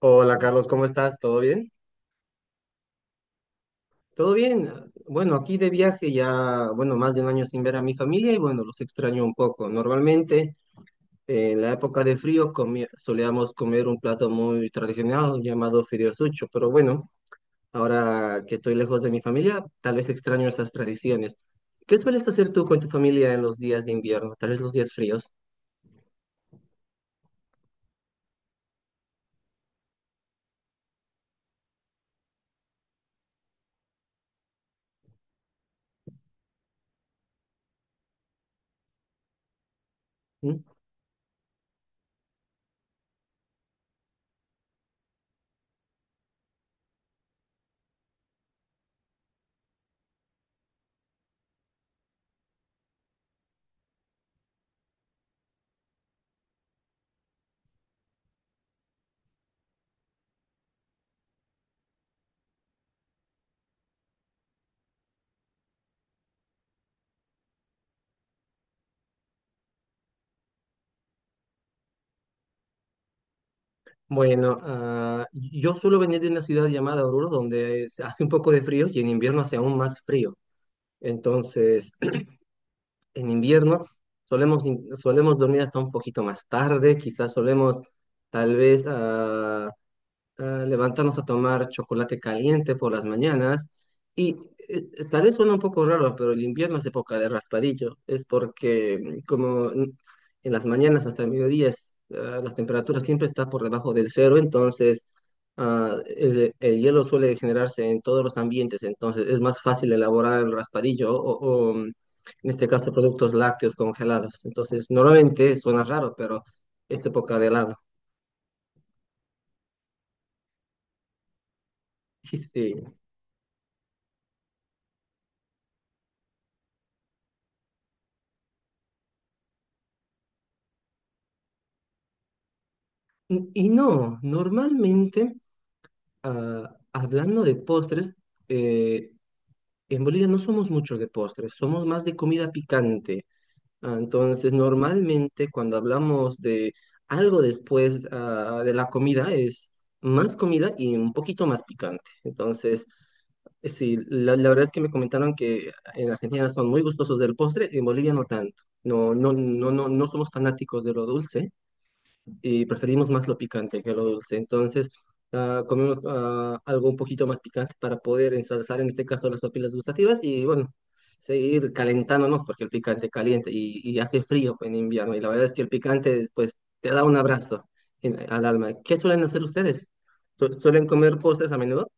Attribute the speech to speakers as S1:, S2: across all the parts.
S1: Hola Carlos, ¿cómo estás? ¿Todo bien? Todo bien. Bueno, aquí de viaje ya, bueno, más de un año sin ver a mi familia y bueno, los extraño un poco. Normalmente en la época de frío solíamos comer un plato muy tradicional llamado fideos sucho, pero bueno, ahora que estoy lejos de mi familia, tal vez extraño esas tradiciones. ¿Qué sueles hacer tú con tu familia en los días de invierno, tal vez los días fríos? ¿Mm? Bueno, yo suelo venir de una ciudad llamada Oruro, donde se hace un poco de frío y en invierno hace aún más frío. Entonces, en invierno solemos dormir hasta un poquito más tarde, quizás solemos tal vez levantamos a tomar chocolate caliente por las mañanas y tal vez suena un poco raro, pero el invierno es época de raspadillo, es porque como en las mañanas hasta el mediodía es, las temperaturas siempre está por debajo del cero, entonces el hielo suele generarse en todos los ambientes, entonces es más fácil elaborar el raspadillo en este caso productos lácteos congelados, entonces normalmente suena raro, pero es época de helado. Sí. Y no, normalmente, hablando de postres, eh, en Bolivia no somos mucho de postres, somos más de comida picante. Entonces, normalmente cuando hablamos de algo después, de la comida, es más comida y un poquito más picante. Entonces, sí, la verdad es que me comentaron que en Argentina son muy gustosos del postre, en Bolivia no tanto. No, no, no, no, no somos fanáticos de lo dulce y preferimos más lo picante que lo dulce. Entonces, comemos algo un poquito más picante para poder ensalzar, en este caso, las papilas gustativas y bueno, seguir calentándonos porque el picante calienta y hace frío en invierno. Y la verdad es que el picante, pues, te da un abrazo al alma. ¿Qué suelen hacer ustedes? Suelen comer postres a menudo?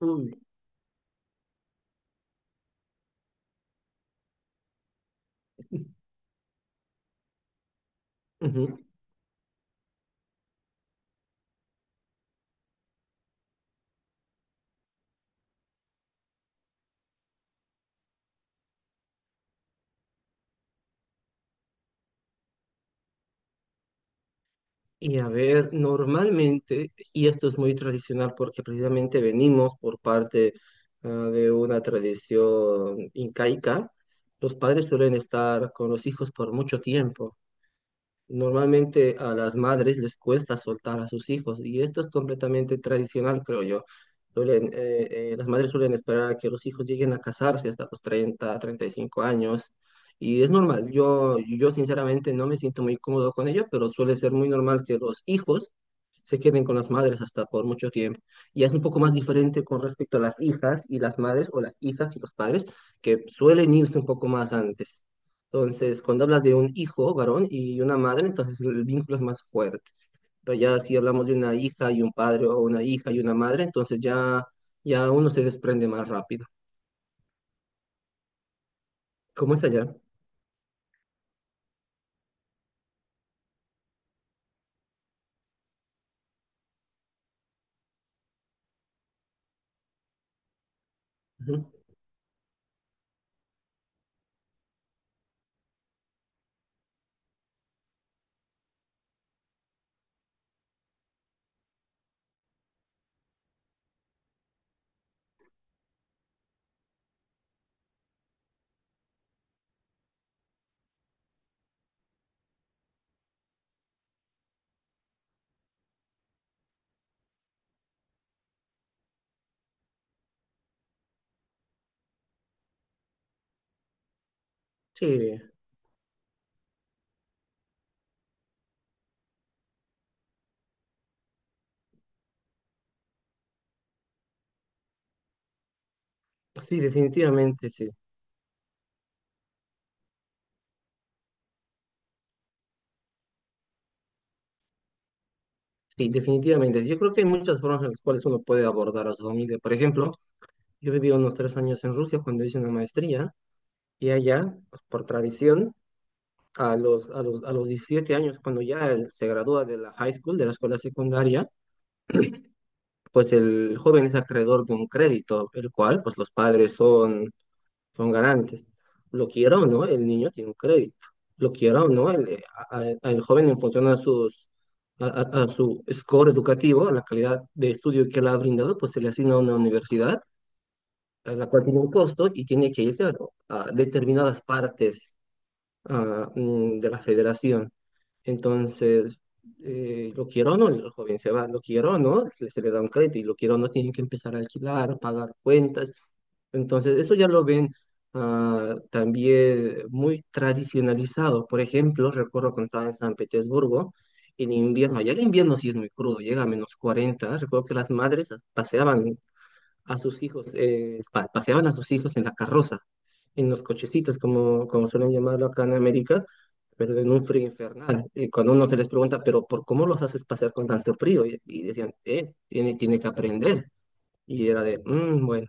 S1: Uy. Ujú. Y a ver, normalmente, y esto es muy tradicional porque precisamente venimos por parte de una tradición incaica, los padres suelen estar con los hijos por mucho tiempo. Normalmente a las madres les cuesta soltar a sus hijos y esto es completamente tradicional, creo yo. Las madres suelen esperar a que los hijos lleguen a casarse hasta los 30, 35 años y es normal. Yo sinceramente no me siento muy cómodo con ello, pero suele ser muy normal que los hijos se queden con las madres hasta por mucho tiempo. Y es un poco más diferente con respecto a las hijas y las madres o las hijas y los padres que suelen irse un poco más antes. Entonces, cuando hablas de un hijo varón y una madre, entonces el vínculo es más fuerte. Pero ya si hablamos de una hija y un padre o una hija y una madre, entonces ya, ya uno se desprende más rápido. ¿Cómo es allá? Ujú. Sí, sí, definitivamente, sí. Sí, definitivamente. Yo creo que hay muchas formas en las cuales uno puede abordar a su familia. Por ejemplo, yo viví unos 3 años en Rusia cuando hice una maestría y allá, por tradición, a los 17 años, cuando ya él se gradúa de la high school, de la escuela secundaria, pues el joven es acreedor de un crédito, el cual pues los padres son garantes. Lo quiera o no, el niño tiene un crédito. Lo quiera o no, el joven en función a su score educativo, a la calidad de estudio que le ha brindado, pues se le asigna a una universidad, a la cual tiene un costo y tiene que irse a determinadas partes de la federación. Entonces, lo quiero o no, el joven se va, lo quiero o no, se le da un crédito y lo quiero o no, tienen que empezar a alquilar, pagar cuentas. Entonces, eso ya lo ven también muy tradicionalizado. Por ejemplo, recuerdo cuando estaba en San Petersburgo, en invierno, allá el invierno sí es muy crudo, llega a -40. Recuerdo que las madres paseaban a sus hijos, paseaban a sus hijos en la carroza, en los cochecitos, como suelen llamarlo acá en América, pero en un frío infernal. Y cuando uno se les pregunta, pero ¿por cómo los haces pasear con tanto frío? Y decían, tiene que aprender. Y era de, "Mm, bueno,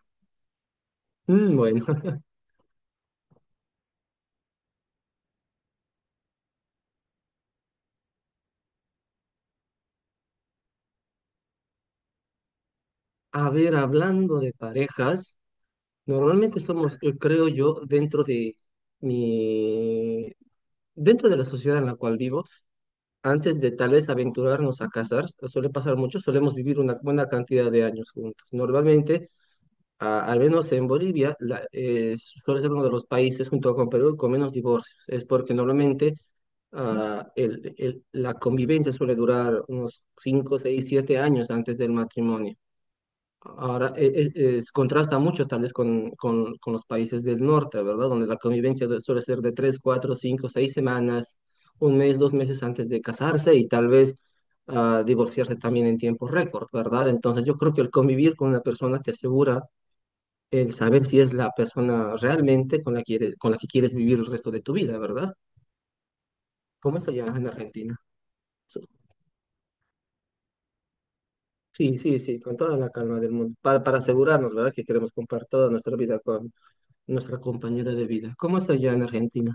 S1: mm, bueno". A ver, hablando de parejas, normalmente somos, creo yo, mi, dentro de la sociedad en la cual vivo, antes de tal vez aventurarnos a casar, suele pasar mucho, solemos vivir una buena cantidad de años juntos. Normalmente, al menos en Bolivia, suele ser uno de los países junto con Perú con menos divorcios. Es porque normalmente la convivencia suele durar unos 5, 6, 7 años antes del matrimonio. Ahora contrasta mucho tal vez con, con los países del norte, ¿verdad? Donde la convivencia suele ser de 3, 4, 5, 6 semanas, un mes, 2 meses antes de casarse y tal vez divorciarse también en tiempo récord, ¿verdad? Entonces yo creo que el convivir con una persona te asegura el saber si es la persona realmente con la que quieres, con la que quieres vivir el resto de tu vida, ¿verdad? ¿Cómo es allá en Argentina? Sí, sí, sí, con toda la calma del mundo, para asegurarnos, ¿verdad? Que queremos compartir toda nuestra vida con nuestra compañera de vida. ¿Cómo está ya en Argentina?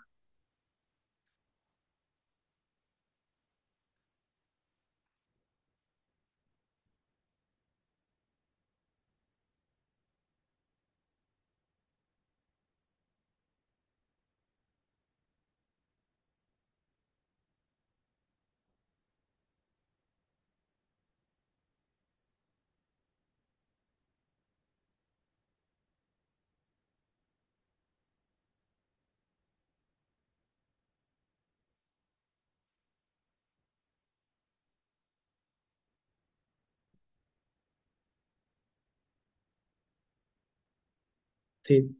S1: Sí,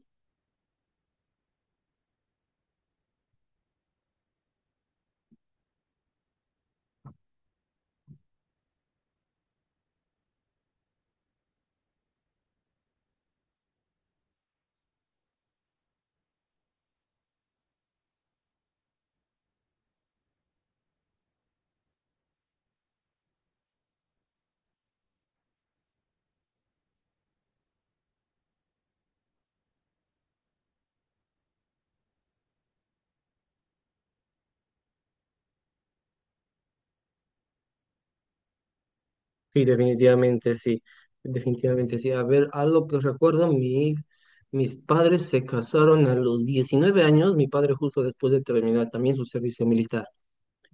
S1: sí, definitivamente sí, definitivamente sí. A ver, algo que recuerdo, mis padres se casaron a los 19 años, mi padre justo después de terminar también su servicio militar.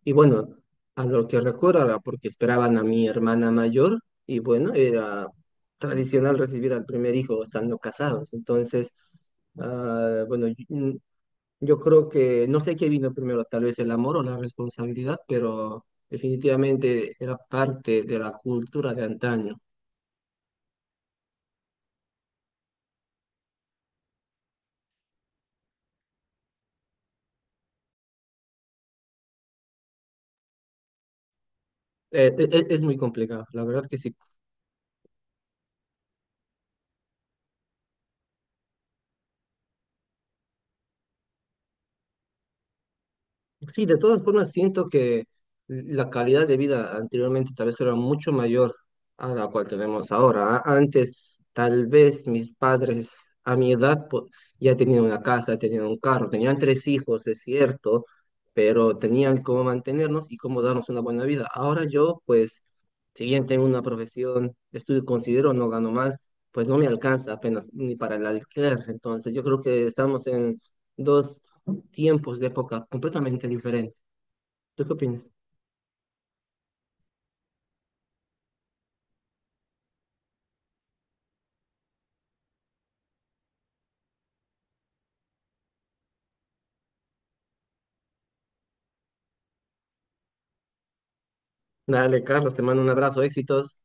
S1: Y bueno, a lo que recuerdo ahora, porque esperaban a mi hermana mayor, y bueno, era tradicional recibir al primer hijo estando casados. Entonces, ah, bueno, yo- Yo creo que no sé qué vino primero, tal vez el amor o la responsabilidad, pero definitivamente era parte de la cultura de antaño. Es muy complicado, la verdad que sí. Sí, de todas formas siento que la calidad de vida anteriormente tal vez era mucho mayor a la cual tenemos ahora. Antes, tal vez mis padres a mi edad ya tenían una casa, tenían un carro, tenían tres hijos, es cierto, pero tenían cómo mantenernos y cómo darnos una buena vida. Ahora yo, pues, si bien tengo una profesión, estudio, considero, no gano mal, pues no me alcanza apenas ni para el alquiler. Entonces yo creo que estamos en dos tiempos de época completamente diferentes. ¿Tú qué opinas? Dale, Carlos, te mando un abrazo, éxitos.